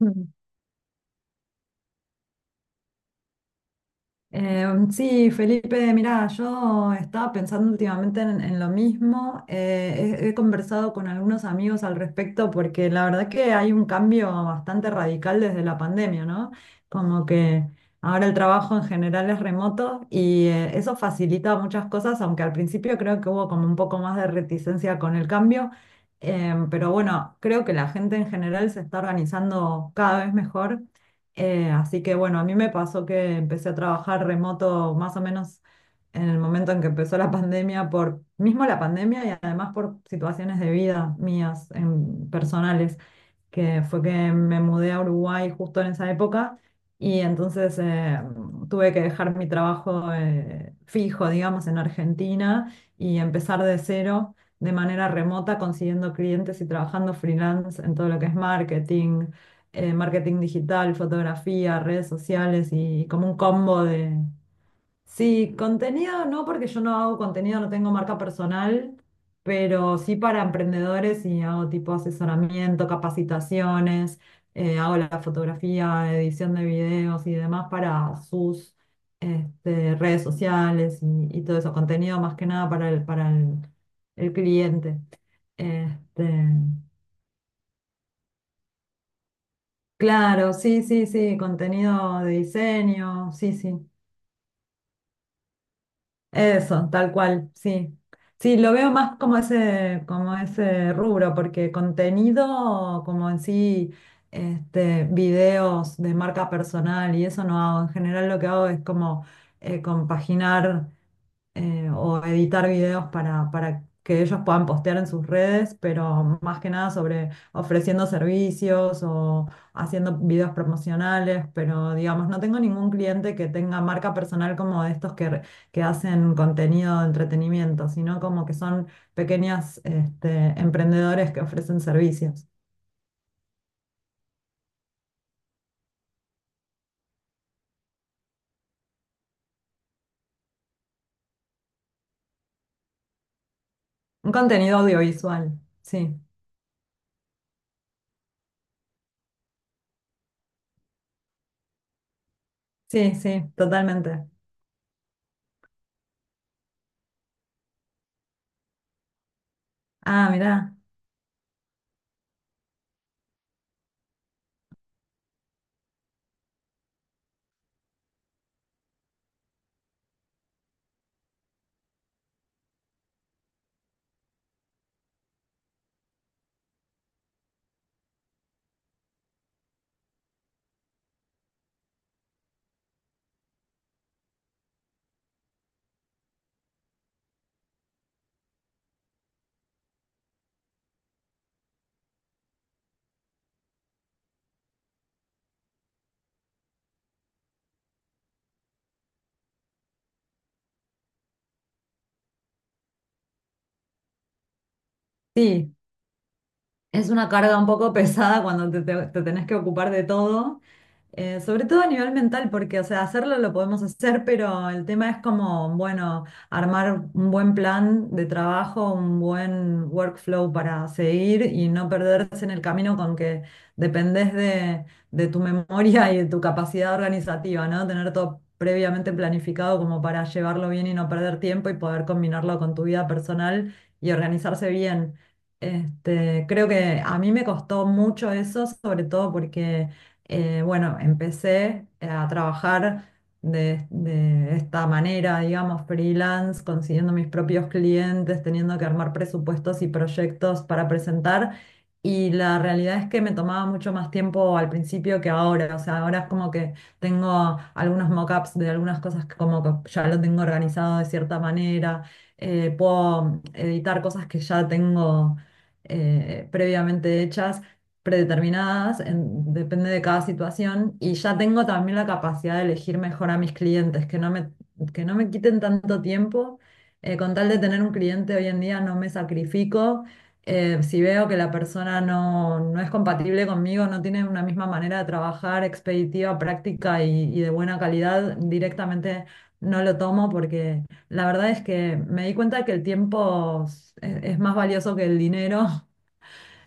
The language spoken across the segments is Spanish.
Mm. Sí, Felipe, mira, yo estaba pensando últimamente en lo mismo. He conversado con algunos amigos al respecto, porque la verdad que hay un cambio bastante radical desde la pandemia, ¿no? Como que ahora el trabajo en general es remoto y eso facilita muchas cosas, aunque al principio creo que hubo como un poco más de reticencia con el cambio. Pero bueno, creo que la gente en general se está organizando cada vez mejor. Así que bueno, a mí me pasó que empecé a trabajar remoto más o menos en el momento en que empezó la pandemia, por mismo la pandemia y además por situaciones de vida mías personales, que fue que me mudé a Uruguay justo en esa época. Y entonces, tuve que dejar mi trabajo, fijo, digamos, en Argentina, y empezar de cero de manera remota, consiguiendo clientes y trabajando freelance en todo lo que es marketing, marketing digital, fotografía, redes sociales y como un combo de. Sí, contenido no, porque yo no hago contenido, no tengo marca personal, pero sí para emprendedores, y hago tipo asesoramiento, capacitaciones, hago la fotografía, edición de videos y demás para sus, redes sociales, y todo eso, contenido más que nada para el cliente. Este, claro, sí, sí, sí, contenido de diseño, sí, sí. Eso, tal cual, sí. Sí, lo veo más como ese rubro, porque contenido como en sí, videos de marca personal y eso no hago. En general lo que hago es como compaginar, o editar videos para que ellos puedan postear en sus redes, pero más que nada sobre ofreciendo servicios o haciendo videos promocionales. Pero digamos, no tengo ningún cliente que tenga marca personal como de estos que hacen contenido de entretenimiento, sino como que son pequeñas, emprendedores que ofrecen servicios. Un contenido audiovisual, sí, sí, sí, totalmente. Ah, mirá, sí. Es una carga un poco pesada cuando te tenés que ocupar de todo, sobre todo a nivel mental, porque, o sea, hacerlo lo podemos hacer, pero el tema es como, bueno, armar un buen plan de trabajo, un buen workflow para seguir y no perderse en el camino con que dependés de tu memoria y de tu capacidad organizativa, ¿no? Tener todo previamente planificado como para llevarlo bien y no perder tiempo y poder combinarlo con tu vida personal y organizarse bien. Creo que a mí me costó mucho eso, sobre todo porque, bueno, empecé a trabajar de esta manera, digamos, freelance, consiguiendo mis propios clientes, teniendo que armar presupuestos y proyectos para presentar. Y la realidad es que me tomaba mucho más tiempo al principio que ahora. O sea, ahora es como que tengo algunos mockups de algunas cosas que como que ya lo tengo organizado de cierta manera. Puedo editar cosas que ya tengo, previamente hechas, predeterminadas, depende de cada situación. Y ya tengo también la capacidad de elegir mejor a mis clientes, que no me quiten tanto tiempo. Con tal de tener un cliente hoy en día no me sacrifico. Si veo que la persona no es compatible conmigo, no tiene una misma manera de trabajar expeditiva, práctica y de buena calidad, directamente no lo tomo, porque la verdad es que me di cuenta que el tiempo es más valioso que el dinero.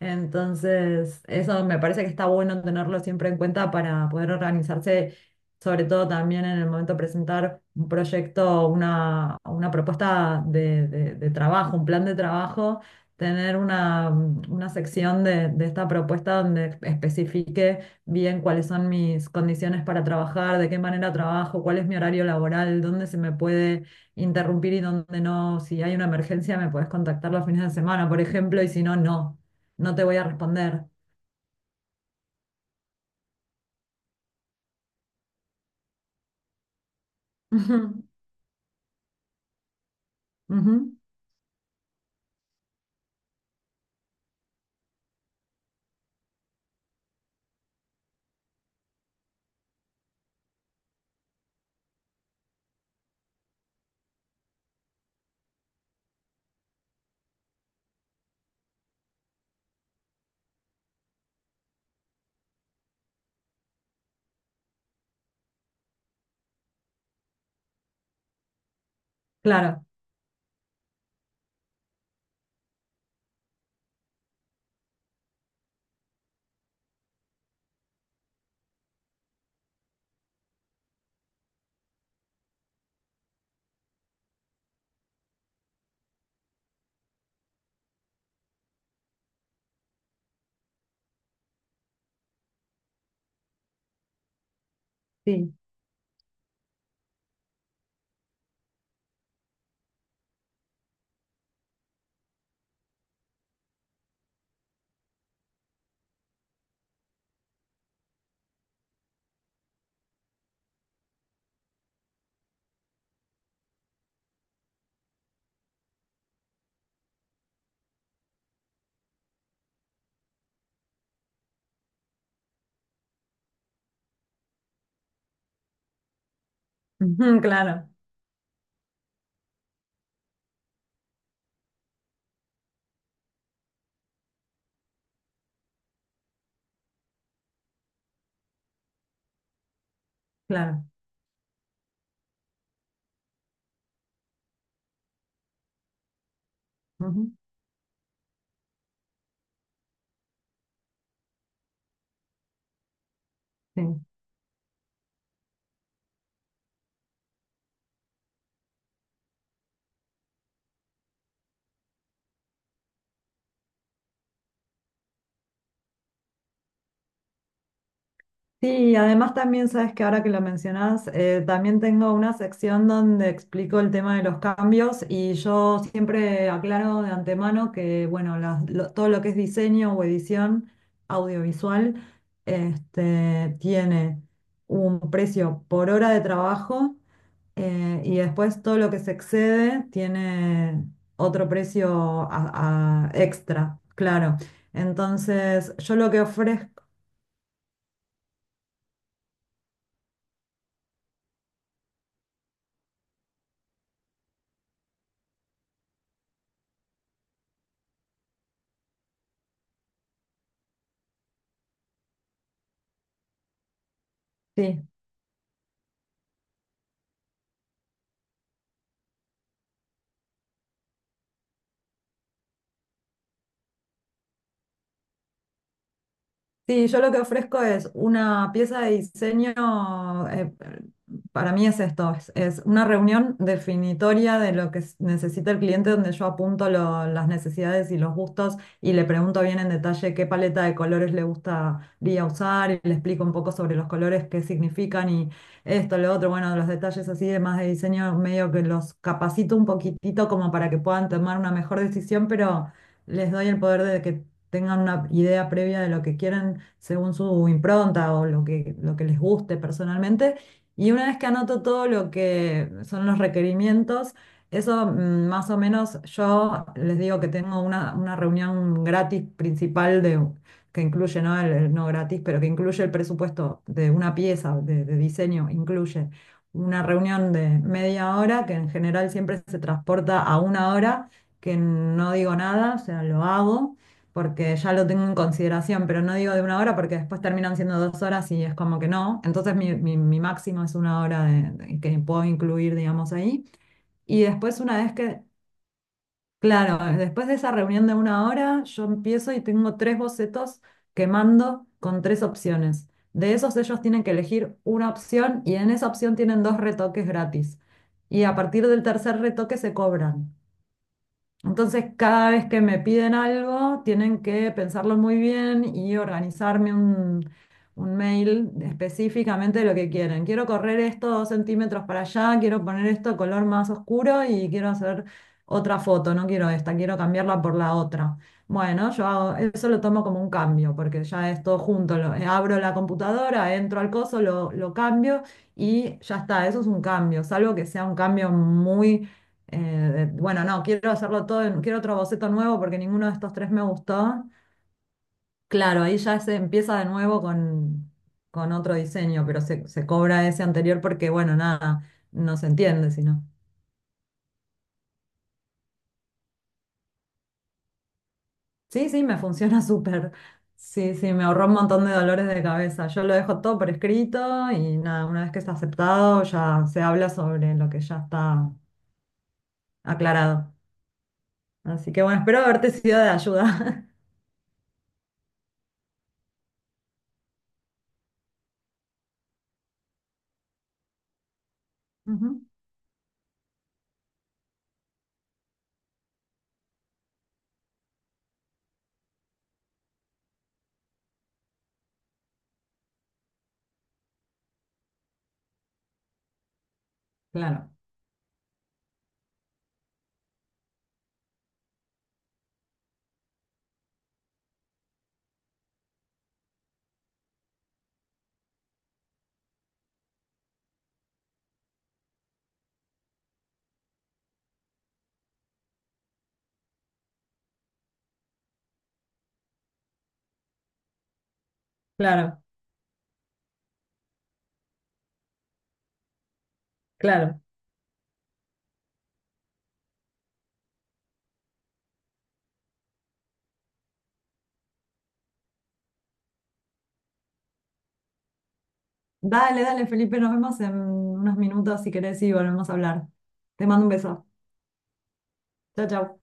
Entonces, eso me parece que está bueno tenerlo siempre en cuenta para poder organizarse, sobre todo también en el momento de presentar un proyecto, una propuesta de trabajo, un plan de trabajo, tener una sección de esta propuesta donde especifique bien cuáles son mis condiciones para trabajar, de qué manera trabajo, cuál es mi horario laboral, dónde se me puede interrumpir y dónde no. Si hay una emergencia, me puedes contactar los fines de semana, por ejemplo. Y si no, no no te voy a responder. Ujú, ujú, claro, sí, ujú, claro, claro. Ujú, sí. Sí, y además también sabes que ahora que lo mencionás, también tengo una sección donde explico el tema de los cambios. Y yo siempre aclaro de antemano que, bueno, todo lo que es diseño o edición audiovisual, tiene un precio por hora de trabajo. Y después todo lo que se excede tiene otro precio a extra, claro. Entonces, yo lo que ofrezco, sí. Sí, yo lo que ofrezco es una pieza de diseño. eh, para mí es esto, es una reunión definitoria de lo que necesita el cliente, donde yo apunto las necesidades y los gustos, y le pregunto bien en detalle qué paleta de colores le gustaría usar, y le explico un poco sobre los colores, qué significan y esto, lo otro. Bueno, los detalles así de más de diseño, medio que los capacito un poquitito como para que puedan tomar una mejor decisión, pero les doy el poder de que tengan una idea previa de lo que quieren según su impronta o lo que les guste personalmente. Y una vez que anoto todo lo que son los requerimientos, eso más o menos yo les digo que tengo una reunión gratis principal que incluye, ¿no? El no gratis, pero que incluye el presupuesto de una pieza de diseño, incluye una reunión de media hora, que en general siempre se transporta a una hora, que no digo nada, o sea, lo hago porque ya lo tengo en consideración, pero no digo de una hora porque después terminan siendo 2 horas y es como que no. Entonces mi máximo es una hora que puedo incluir, digamos, ahí. Y después una vez que, claro, después de esa reunión de una hora, yo empiezo y tengo tres bocetos que mando con tres opciones. De esos ellos tienen que elegir una opción, y en esa opción tienen dos retoques gratis. Y a partir del tercer retoque se cobran. Entonces, cada vez que me piden algo, tienen que pensarlo muy bien y organizarme un mail específicamente de lo que quieren. Quiero correr esto 2 centímetros para allá, quiero poner esto color más oscuro y quiero hacer otra foto, no quiero esta, quiero cambiarla por la otra. Bueno, eso lo tomo como un cambio, porque ya es todo junto, abro la computadora, entro al coso, lo cambio y ya está. Eso es un cambio, salvo que sea un cambio muy, eh, bueno, no, quiero hacerlo todo, quiero otro boceto nuevo porque ninguno de estos tres me gustó. Claro, ahí ya se empieza de nuevo con otro diseño, pero se cobra ese anterior porque, bueno, nada, no se entiende, sino. Sí, sí, me funciona súper. Sí, sí, me ahorró un montón de dolores de cabeza. Yo lo dejo todo por escrito y nada, una vez que está aceptado ya se habla sobre lo que ya está aclarado. Así que bueno, espero haberte sido de ayuda. Ujú, claro, claro, claro. Dale, dale, Felipe, nos vemos en unos minutos si querés y volvemos a hablar. Te mando un beso. Chao, chao.